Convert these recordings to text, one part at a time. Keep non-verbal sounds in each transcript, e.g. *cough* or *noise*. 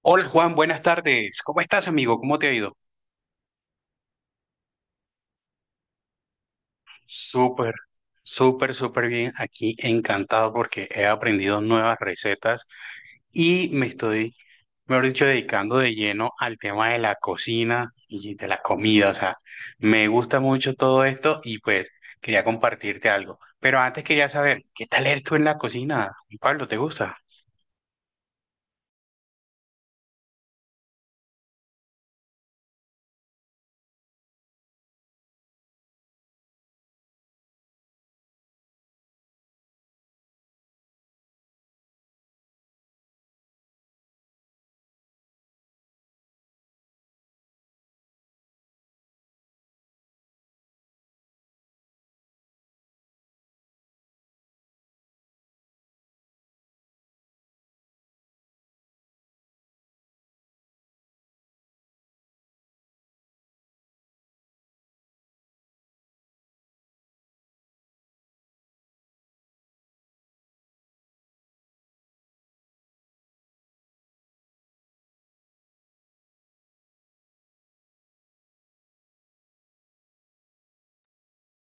Hola Juan, buenas tardes. ¿Cómo estás, amigo? ¿Cómo te ha ido? Súper, súper, súper bien. Aquí encantado porque he aprendido nuevas recetas y mejor dicho, dedicando de lleno al tema de la cocina y de la comida. O sea, me gusta mucho todo esto y pues quería compartirte algo. Pero antes quería saber, ¿qué tal eres tú en la cocina? Pablo, ¿te gusta?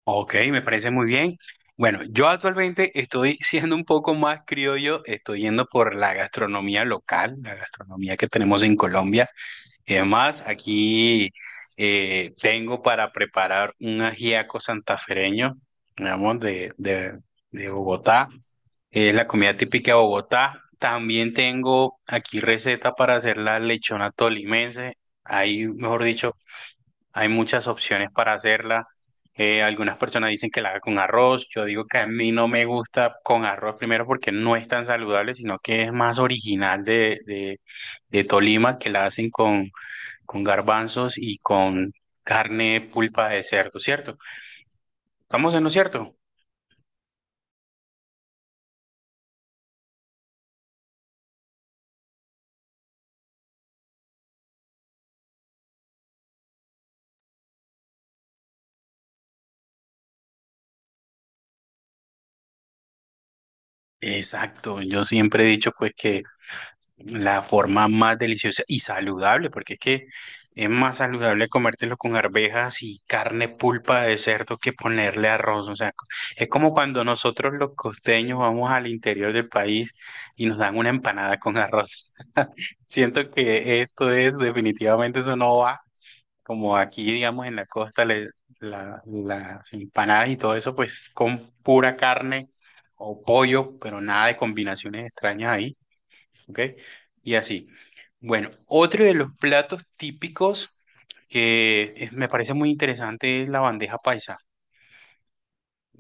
Ok, me parece muy bien. Bueno, yo actualmente estoy *laughs* siendo un poco más criollo, estoy yendo por la gastronomía local, la gastronomía que tenemos en Colombia. Y además, aquí tengo para preparar un ajiaco santafereño, digamos, de Bogotá. Es la comida típica de Bogotá. También tengo aquí receta para hacer la lechona tolimense. Ahí, mejor dicho, hay muchas opciones para hacerla. Algunas personas dicen que la haga con arroz. Yo digo que a mí no me gusta con arroz primero porque no es tan saludable, sino que es más original de Tolima, que la hacen con garbanzos y con carne pulpa de cerdo, ¿cierto? ¿Estamos en lo cierto? Exacto. Yo siempre he dicho pues que la forma más deliciosa y saludable, porque es que es más saludable comértelo con arvejas y carne pulpa de cerdo que ponerle arroz. O sea, es como cuando nosotros los costeños vamos al interior del país y nos dan una empanada con arroz. *laughs* Siento que esto es, definitivamente eso no va. Como aquí, digamos, en la costa, las empanadas y todo eso, pues con pura carne o pollo, pero nada de combinaciones extrañas ahí. ¿Ok? Y así. Bueno, otro de los platos típicos me parece muy interesante es la bandeja paisa.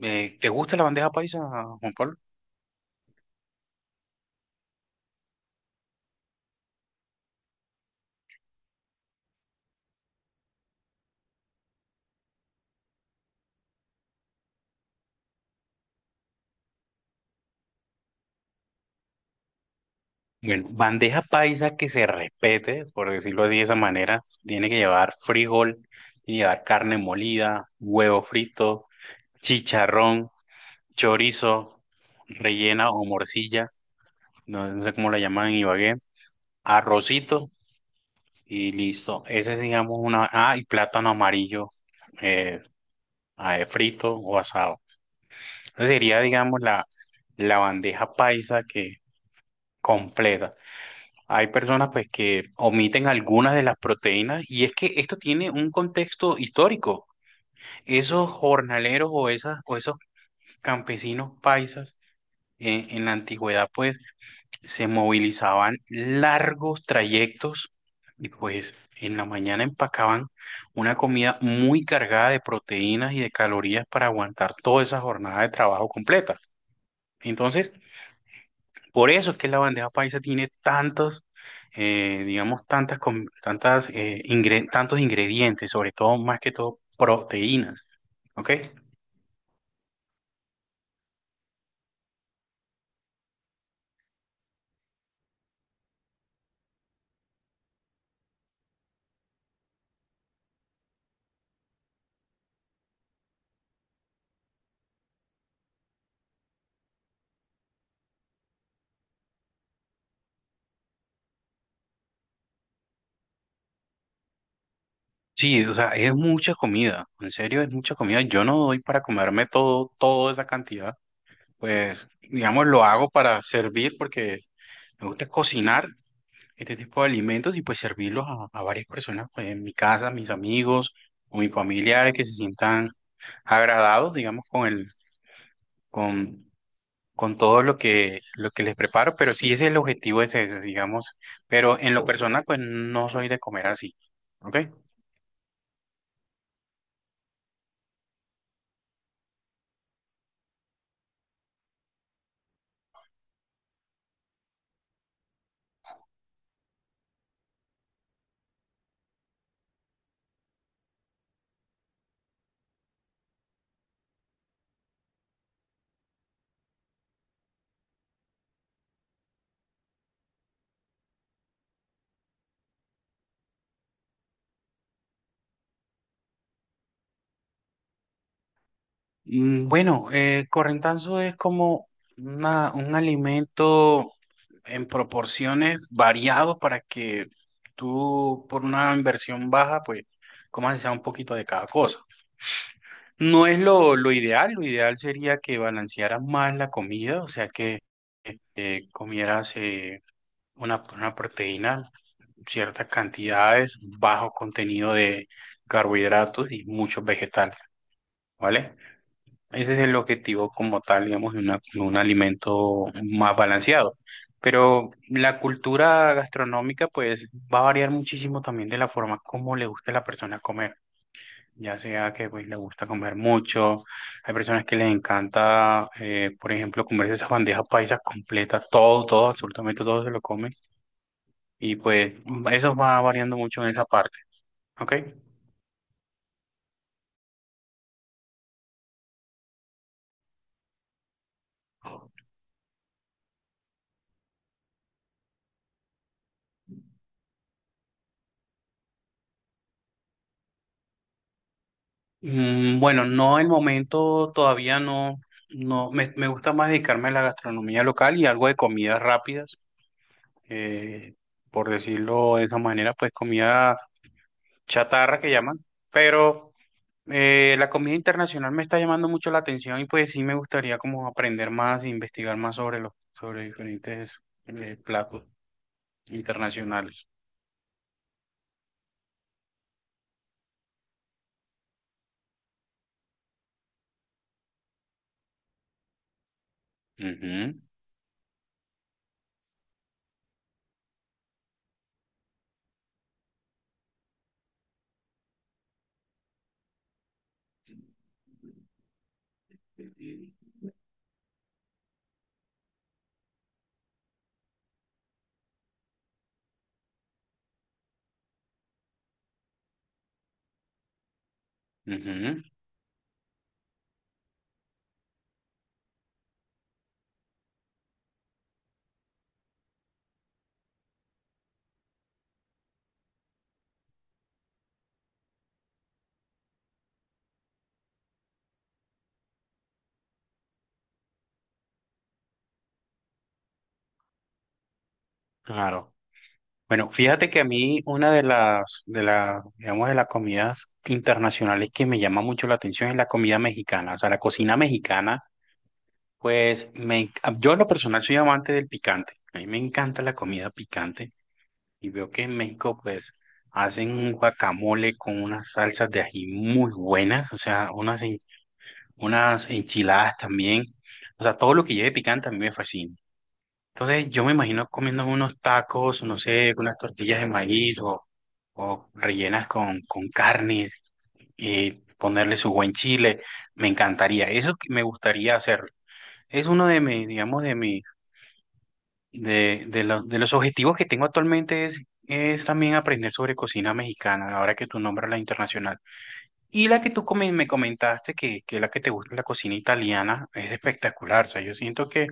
¿Te gusta la bandeja paisa, Juan Pablo? Bueno, bandeja paisa que se respete, por decirlo así de esa manera, tiene que llevar frijol, tiene que llevar carne molida, huevo frito, chicharrón, chorizo, rellena o morcilla, no, no sé cómo la llaman en Ibagué, arrocito. Y listo. Ese es, digamos, una. Ah, y plátano amarillo eh, frito o asado. Esa sería, digamos, la bandeja paisa que completa. Hay personas pues que omiten algunas de las proteínas y es que esto tiene un contexto histórico. Esos jornaleros o esas o esos campesinos paisas en la antigüedad pues se movilizaban largos trayectos y pues en la mañana empacaban una comida muy cargada de proteínas y de calorías para aguantar toda esa jornada de trabajo completa. Entonces, por eso es que la bandeja paisa tiene tantos, digamos, tantas, com- tantas, ingre- tantos ingredientes, sobre todo, más que todo, proteínas. ¿Ok? Sí, o sea, es mucha comida. En serio, es mucha comida. Yo no doy para comerme todo, toda esa cantidad. Pues, digamos, lo hago para servir porque me gusta cocinar este tipo de alimentos y pues servirlos a varias personas, pues en mi casa, mis amigos o mis familiares que se sientan agradados, digamos, con, con todo lo lo que les preparo, pero sí ese es el objetivo, es ese, digamos, pero en lo personal, pues no soy de comer así, ¿ok? Bueno, correntanzo es como un alimento en proporciones variados para que tú, por una inversión baja, pues comas sea un poquito de cada cosa. No es lo ideal sería que balancearas más la comida, o sea que comieras una proteína, ciertas cantidades, bajo contenido de carbohidratos y muchos vegetales, ¿vale? Ese es el objetivo como tal, digamos, de un alimento más balanceado. Pero la cultura gastronómica, pues, va a variar muchísimo también de la forma como le guste a la persona comer. Ya sea que, pues, le gusta comer mucho. Hay personas que les encanta, por ejemplo, comerse esas bandejas paisas completas. Todo, todo, absolutamente todo se lo comen. Y, pues, eso va variando mucho en esa parte. ¿Ok? Bueno, no el momento todavía no, me gusta más dedicarme a la gastronomía local y algo de comidas rápidas, eh, por decirlo de esa manera, pues comida chatarra que llaman, pero la comida internacional me está llamando mucho la atención y pues sí me gustaría como aprender más e investigar más sobre sobre diferentes platos internacionales. Ujú, ujú, claro. Bueno, fíjate que a mí una de digamos, de las comidas internacionales que me llama mucho la atención es la comida mexicana. O sea, la cocina mexicana, pues yo en lo personal soy amante del picante. A mí me encanta la comida picante y veo que en México, pues, hacen un guacamole con unas salsas de ají muy buenas, o sea, unas enchiladas también. O sea, todo lo que lleve picante a mí me fascina. Entonces yo me imagino comiendo unos tacos, no sé, unas tortillas de maíz o rellenas con carne y ponerle su buen chile. Me encantaría, eso que me gustaría hacer. Es uno de mis, digamos, de mi, de, lo- de los objetivos que tengo actualmente es también aprender sobre cocina mexicana, ahora que tú nombras la internacional. Y la que me comentaste, que es la que te gusta, la cocina italiana, es espectacular. O sea, yo siento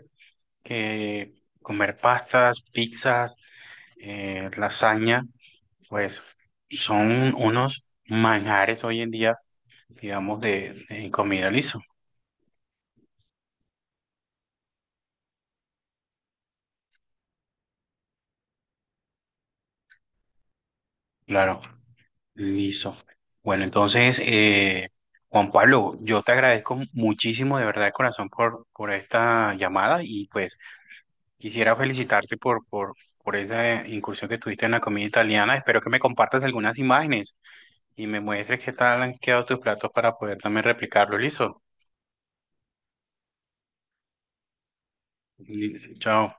que comer pastas, pizzas. Lasaña, pues son unos manjares hoy en día, digamos, de comida liso. Claro, liso. Bueno, entonces, Juan Pablo, yo te agradezco muchísimo de verdad de corazón por esta llamada y pues quisiera felicitarte por esa incursión que tuviste en la comida italiana. Espero que me compartas algunas imágenes y me muestres qué tal han quedado tus platos para poder también replicarlo. Listo. Chao.